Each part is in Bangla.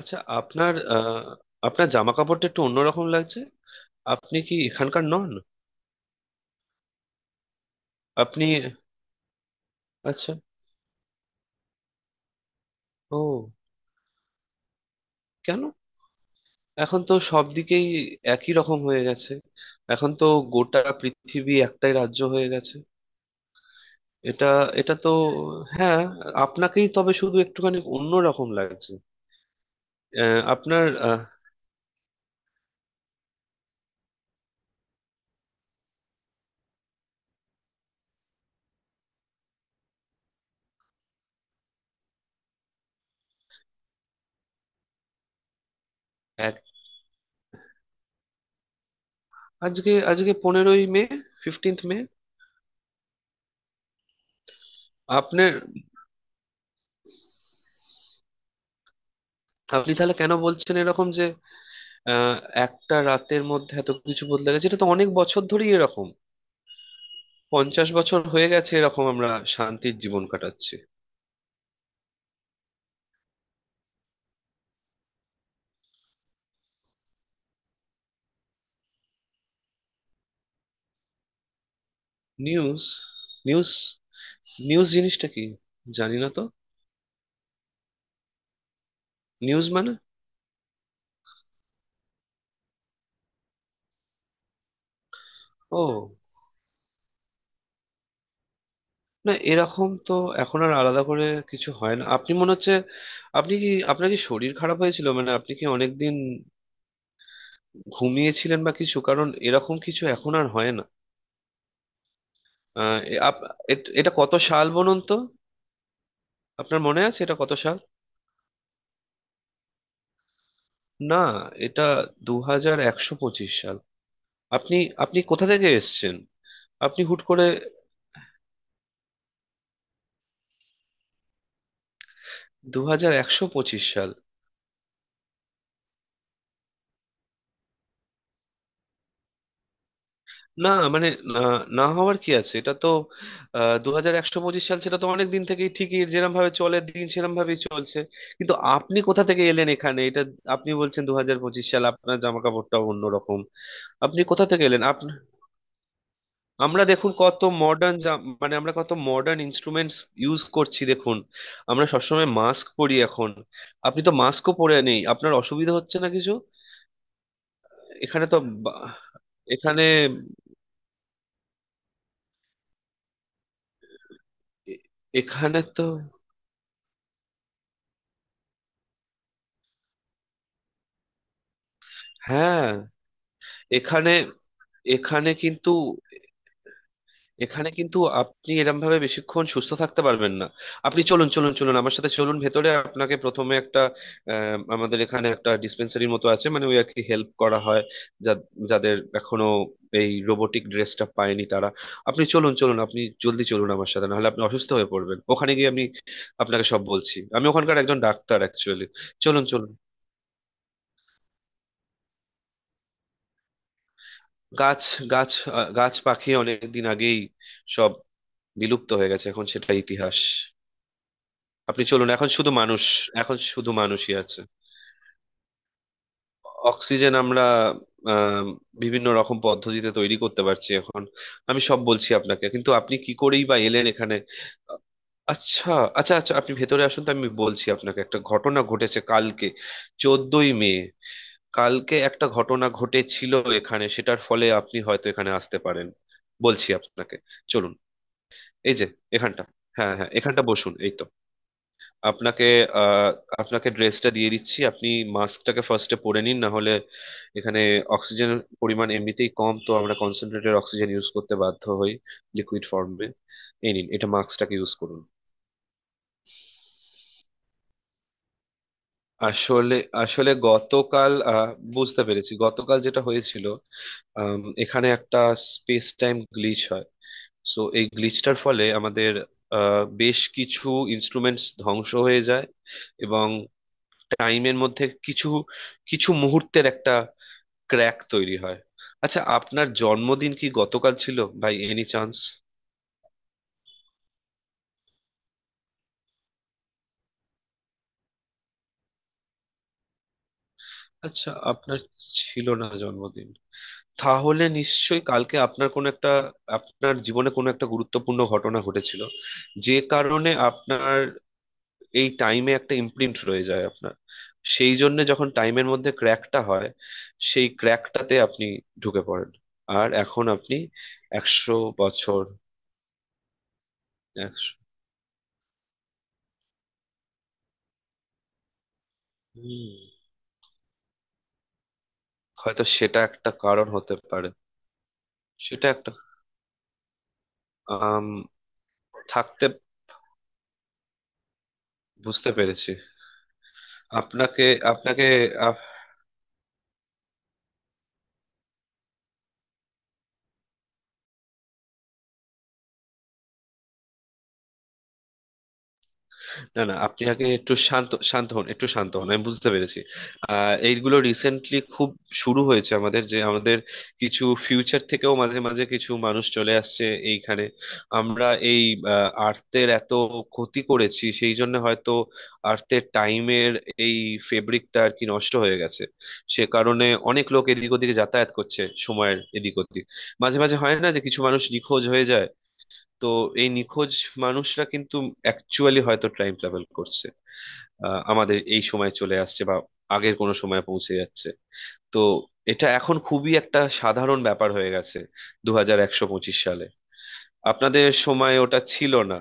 আচ্ছা, আপনার জামা কাপড়টা একটু অন্যরকম লাগছে। আপনি কি এখানকার নন? আপনি। আচ্ছা। ও, কেন? এখন তো সব দিকেই একই রকম হয়ে গেছে। এখন তো গোটা পৃথিবী একটাই রাজ্য হয়ে গেছে। এটা এটা তো হ্যাঁ। আপনাকেই তবে শুধু একটুখানি অন্যরকম লাগছে। আহ, আপনার আহ, এক আজকে আজকে 15ই মে। ফিফটিন্থ মে। আপনার আপনি তাহলে কেন বলছেন এরকম যে আহ একটা রাতের মধ্যে এত কিছু বদলে গেছে? এটা তো অনেক বছর ধরেই এরকম। 50 বছর হয়ে গেছে এরকম আমরা শান্তির জীবন কাটাচ্ছি। নিউজ। নিউজ। নিউজ জিনিসটা কি? জানি না তো। নিউজ মানে। ও, না, এরকম তো এখন আর আলাদা করে কিছু হয় না। আপনি মনে হচ্ছে, আপনি কি, আপনার কি শরীর খারাপ হয়েছিল, মানে আপনি কি অনেকদিন ঘুমিয়েছিলেন বা কিছু? কারণ এরকম কিছু এখন আর হয় না। আহ, এ- আপ- এট- এটা কত সাল বলুন তো? আপনার মনে আছে এটা কত সাল? না, এটা 2125 সাল। আপনি, আপনি কোথা থেকে এসেছেন? আপনি হুট করে 2125 সাল। না, মানে, না, না হওয়ার কি আছে? এটা তো 2125 সাল, সেটা তো অনেক দিন থেকেই ঠিকই, যেরকম ভাবে চলে দিন সেরকম ভাবেই চলছে। কিন্তু আপনি কোথা থেকে এলেন এখানে? এটা আপনি বলছেন 2025 সাল, আপনার জামা কাপড়টাও অন্যরকম। আপনি কোথা থেকে এলেন আপনি? আমরা দেখুন কত মডার্ন, মানে আমরা কত মডার্ন ইনস্ট্রুমেন্টস ইউজ করছি দেখুন। আমরা সবসময় মাস্ক পরি এখন। আপনি তো মাস্কও পরে নেই, আপনার অসুবিধা হচ্ছে না কিছু? এখানে তো বা- এখানে এ- এখানে তো হ্যাঁ এখানে এখানে কিন্তু এখানে কিন্তু আপনি এরম ভাবে বেশিক্ষণ সুস্থ থাকতে পারবেন না। আপনি চলুন চলুন চলুন আমার সাথে, চলুন ভেতরে। আপনাকে প্রথমে একটা আমাদের এখানে একটা ডিসপেন্সারির মতো আছে, মানে ওই আর কি, হেল্প করা হয় যা- যাদের এখনো এই রোবোটিক ড্রেসটা পায়নি তারা। আপনি চলুন চলুন আপনি জলদি চলুন আমার সাথে, নাহলে আপনি অসুস্থ হয়ে পড়বেন। ওখানে গিয়ে আমি আপনাকে সব বলছি। আমি ওখানকার একজন ডাক্তার অ্যাকচুয়ালি। চলুন চলুন গাছ গাছ গাছ পাখি অনেক দিন আগেই সব বিলুপ্ত হয়ে গেছে, এখন সেটা ইতিহাস। আপনি চলুন, এখন শুধু মানুষ, এখন শুধু মানুষই আছে। অক্সিজেন আমরা আম, বিভিন্ন রকম পদ্ধতিতে তৈরি করতে পারছি এখন। আমি সব বলছি আপনাকে, কিন্তু আপনি কি করেই বা এলেন এখানে? আচ্ছা আচ্ছা আচ্ছা আপনি ভেতরে আসুন তো, আমি বলছি আপনাকে, একটা ঘটনা ঘটেছে কালকে, 14ই মে। কালকে একটা ঘটনা ঘটেছিল এখানে, সেটার ফলে আপনি হয়তো এখানে আসতে পারেন। বলছি আপনাকে, চলুন। এই যে এখানটা, হ্যাঁ হ্যাঁ, এখানটা বসুন, এই তো। আপনাকে আহ আপনাকে ড্রেসটা দিয়ে দিচ্ছি। আপনি মাস্কটাকে ফার্স্টে পরে নিন, না হলে এখানে অক্সিজেন পরিমাণ এমনিতেই কম, তো আমরা কনসেন্ট্রেটেড অক্সিজেন ইউজ করতে বাধ্য হই লিকুইড ফর্মে। এই নিন এটা, মাস্কটাকে ইউজ করুন। আসলে আসলে গতকাল বুঝতে পেরেছি গতকাল যেটা হয়েছিল, এখানে একটা স্পেস টাইম গ্লিচ হয়। সো, এই গ্লিচটার ফলে আমাদের বেশ কিছু ইনস্ট্রুমেন্টস ধ্বংস হয়ে যায়, এবং টাইমের মধ্যে কিছু কিছু মুহূর্তের একটা ক্র্যাক তৈরি হয়। আচ্ছা, আপনার জন্মদিন কি গতকাল ছিল ভাই, এনি চান্স? আচ্ছা, আপনার ছিল না জন্মদিন? তাহলে নিশ্চয়ই কালকে আপনার কোনো একটা, আপনার জীবনে কোনো একটা গুরুত্বপূর্ণ ঘটনা ঘটেছিল, যে কারণে আপনার এই টাইমে একটা ইমপ্রিন্ট রয়ে যায় আপনার। সেই জন্য যখন টাইমের মধ্যে ক্র্যাকটা হয়, সেই ক্র্যাকটাতে আপনি ঢুকে পড়েন, আর এখন আপনি 100 বছর। হুম, হয়তো সেটা একটা কারণ হতে পারে। সেটা একটা আম, থাকতে বুঝতে পেরেছি। আপনাকে আপনাকে আপ- না না, আপনি আগে একটু শান্ত শান্ত হন, একটু শান্ত হন। আমি বুঝতে পেরেছি। এইগুলো রিসেন্টলি খুব শুরু হয়েছে আমাদের, যে আমাদের কিছু ফিউচার থেকেও মাঝে মাঝে কিছু মানুষ চলে আসছে এইখানে। আমরা এই আর্টের এত ক্ষতি করেছি, সেই জন্য হয়তো আর্টের টাইমের এই ফেব্রিকটা আর কি নষ্ট হয়ে গেছে। সে কারণে অনেক লোক এদিক ওদিকে যাতায়াত করছে, সময়ের এদিক ওদিক। মাঝে মাঝে হয় না যে কিছু মানুষ নিখোঁজ হয়ে যায়? তো এই নিখোঁজ মানুষরা কিন্তু অ্যাকচুয়ালি হয়তো টাইম ট্রাভেল করছে, আমাদের এই সময়ে চলে আসছে বা আগের কোনো সময়ে পৌঁছে যাচ্ছে। তো এটা এখন খুবই একটা সাধারণ ব্যাপার হয়ে গেছে 2125 সালে। আপনাদের সময় ওটা ছিল না।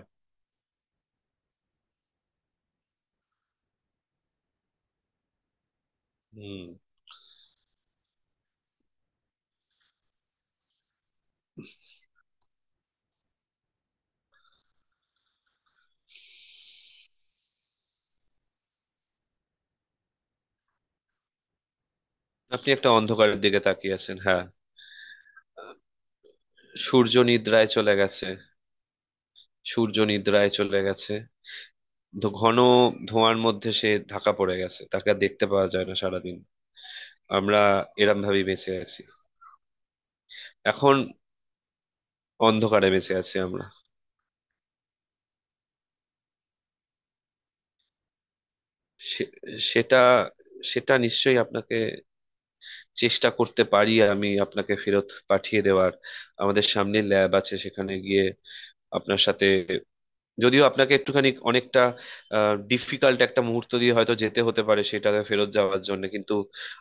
হুম। আপনি একটা অন্ধকারের দিকে তাকিয়ে আছেন, হ্যাঁ। সূর্য নিদ্রায় চলে গেছে। সূর্য নিদ্রায় চলে গেছে। ঘন ধোঁয়ার মধ্যে সে ঢাকা পড়ে গেছে, তাকে আর দেখতে পাওয়া যায় না সারাদিন। আমরা এরম ভাবেই বেঁচে আছি এখন, অন্ধকারে বেঁচে আছি আমরা। সে- সেটা সেটা নিশ্চয়ই, আপনাকে চেষ্টা করতে পারি আমি আপনাকে ফেরত পাঠিয়ে দেওয়ার। আমাদের সামনে ল্যাব আছে, সেখানে গিয়ে আপনার সাথে, যদিও আপনাকে একটুখানি, অনেকটা ডিফিকাল্ট একটা মুহূর্ত দিয়ে হয়তো যেতে হতে পারে সেটাকে ফেরত যাওয়ার জন্য। কিন্তু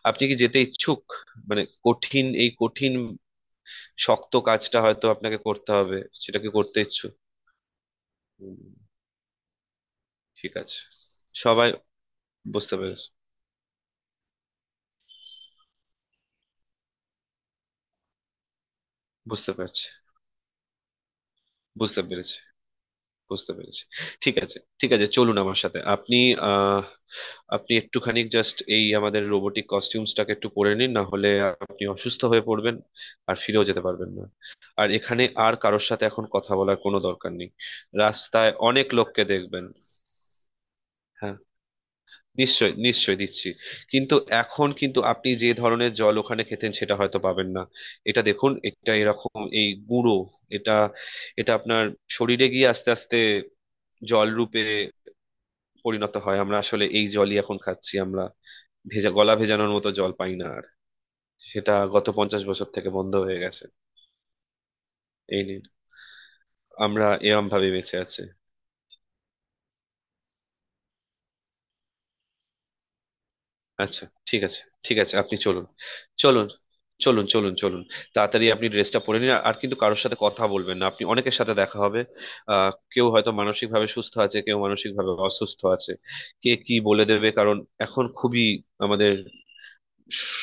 আপনি কি যেতে ইচ্ছুক? মানে কঠিন, এই কঠিন শক্ত কাজটা হয়তো আপনাকে করতে হবে। সেটাকে করতে ইচ্ছুক? হুম। ঠিক আছে, সবাই বুঝতে পেরেছে। বুঝতে পারছে। বুঝতে পেরেছি। বুঝতে পেরেছি। ঠিক আছে ঠিক আছে, চলুন আমার সাথে আপনি। আহ আপনি একটুখানি জাস্ট এই আমাদের রোবোটিক কস্টিউমসটাকে একটু পরে নিন, না হলে আপনি অসুস্থ হয়ে পড়বেন আর ফিরেও যেতে পারবেন না। আর এখানে আর কারোর সাথে এখন কথা বলার কোনো দরকার নেই। রাস্তায় অনেক লোককে দেখবেন। হ্যাঁ, নিশ্চয়ই নিশ্চয়ই দিচ্ছি। কিন্তু এখন কিন্তু আপনি যে ধরনের জল ওখানে খেতেন সেটা হয়তো পাবেন না। এটা দেখুন, এটা এরকম এই গুঁড়ো, এটা এটা আপনার শরীরে গিয়ে আস্তে আস্তে জল রূপে পরিণত হয়। আমরা আসলে এই জলই এখন খাচ্ছি আমরা, ভেজা গলা ভেজানোর মতো জল পাই না আর। সেটা গত 50 বছর থেকে বন্ধ হয়ে গেছে। এই নিন। আমরা এরম ভাবে বেঁচে আছি। আচ্ছা, ঠিক আছে ঠিক আছে, আপনি চলুন। চলুন চলুন চলুন চলুন তাড়াতাড়ি আপনি ড্রেসটা পরে নিন। আর আর কিন্তু কারোর সাথে কথা বলবেন না, আপনি অনেকের সাথে দেখা হবে। কেউ হয়তো মানসিক ভাবে সুস্থ আছে, কেউ মানসিক ভাবে অসুস্থ আছে, কে কি বলে দেবে। কারণ এখন খুবই আমাদের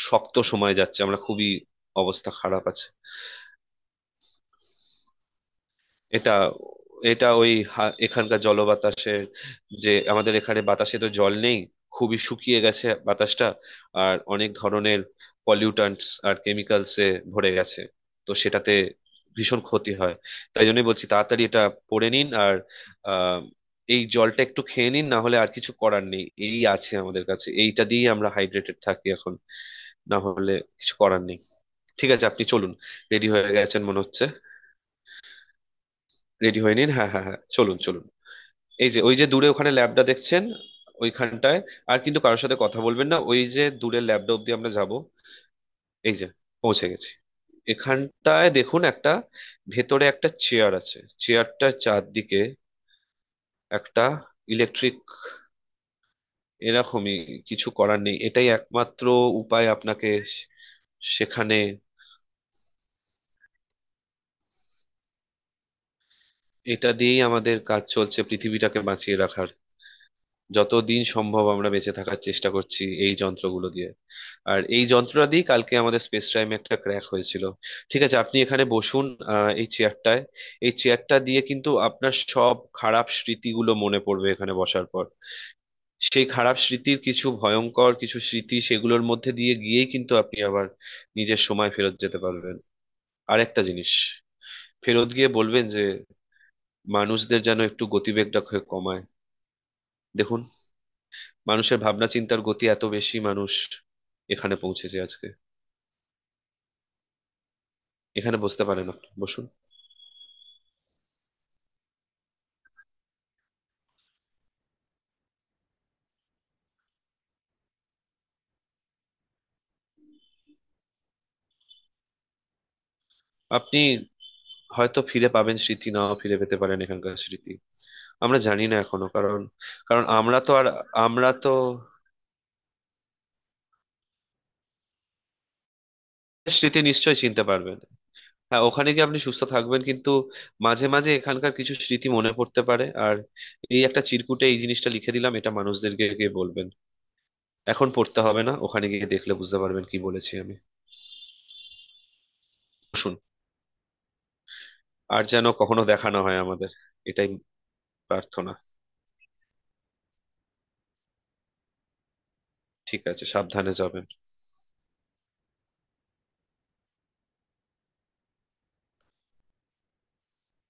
শক্ত সময় যাচ্ছে, আমরা খুবই অবস্থা খারাপ আছে। এটা এটা ওই হা- এখানকার জলবাতাসের, যে আমাদের এখানে বাতাসে তো জল নেই, খুবই শুকিয়ে গেছে বাতাসটা। আর অনেক ধরনের পলিউটান্টস আর কেমিক্যালসে ভরে গেছে, তো সেটাতে ভীষণ ক্ষতি হয়। তাই জন্যই বলছি তাড়াতাড়ি এটা পড়ে নিন, আর আহ, এই জলটা একটু খেয়ে নিন, না হলে আর কিছু করার নেই। এই আছে আমাদের কাছে, এইটা দিয়েই আমরা হাইড্রেটেড থাকি এখন। না হলে কিছু করার নেই। ঠিক আছে, আপনি চলুন। রেডি হয়ে গেছেন মনে হচ্ছে। রেডি হয়ে নিন, হ্যাঁ হ্যাঁ হ্যাঁ, চলুন চলুন। এই যে, ওই যে দূরে ওখানে ল্যাবটা দেখছেন, ওইখানটায়। আর কিন্তু কারোর সাথে কথা বলবেন না। ওই যে দূরের ল্যাবটা অব্দি আমরা যাব। এই যে, পৌঁছে গেছি। এখানটায় দেখুন, একটা ভেতরে একটা চেয়ার আছে, চেয়ারটার চারদিকে একটা ইলেকট্রিক, এরকমই, কিছু করার নেই, এটাই একমাত্র উপায়। আপনাকে সে- সেখানে, এটা দিয়েই আমাদের কাজ চলছে পৃথিবীটাকে বাঁচিয়ে রাখার। যতদিন সম্ভব আমরা বেঁচে থাকার চেষ্টা করছি এই যন্ত্রগুলো দিয়ে। আর এই যন্ত্রটা দিয়ে কালকে আমাদের স্পেস টাইমে একটা ক্র্যাক হয়েছিল। ঠিক আছে, আপনি এখানে বসুন এই চেয়ারটায়। এই চেয়ারটা দিয়ে কিন্তু আপনার সব খারাপ স্মৃতিগুলো মনে পড়বে এখানে বসার পর। সেই খারাপ স্মৃতির কিছু, ভয়ঙ্কর কিছু স্মৃতি, সেগুলোর মধ্যে দিয়ে গিয়েই কিন্তু আপনি আবার নিজের সময় ফেরত যেতে পারবেন। আর একটা জিনিস, ফেরত গিয়ে বলবেন যে মানুষদের যেন একটু গতিবেগটা কমায়। দেখুন, মানুষের ভাবনা চিন্তার গতি এত বেশি, মানুষ এখানে পৌঁছেছে আজকে। এখানে বসতে পারেন, আপনি বসুন। আপনি হয়তো ফিরে পাবেন স্মৃতি, নাও ফিরে পেতে পারেন এখানকার স্মৃতি, আমরা জানি না এখনো। কারণ, কারণ আমরা তো আর, আমরা তো, স্মৃতি নিশ্চয়ই চিনতে পারবেন। হ্যাঁ, ওখানে গিয়ে আপনি সুস্থ থাকবেন, কিন্তু মাঝে মাঝে এখানকার কিছু স্মৃতি মনে পড়তে পারে। আর এই একটা চিরকুটে এই জিনিসটা লিখে দিলাম, এটা মানুষদেরকে গিয়ে বলবেন। এখন পড়তে হবে না, ওখানে গিয়ে দেখলে বুঝতে পারবেন কি বলেছি আমি। শুন, আর যেন কখনো দেখা না হয় আমাদের, এটাই প্রার্থনা। ঠিক আছে, সাবধানে যাবেন।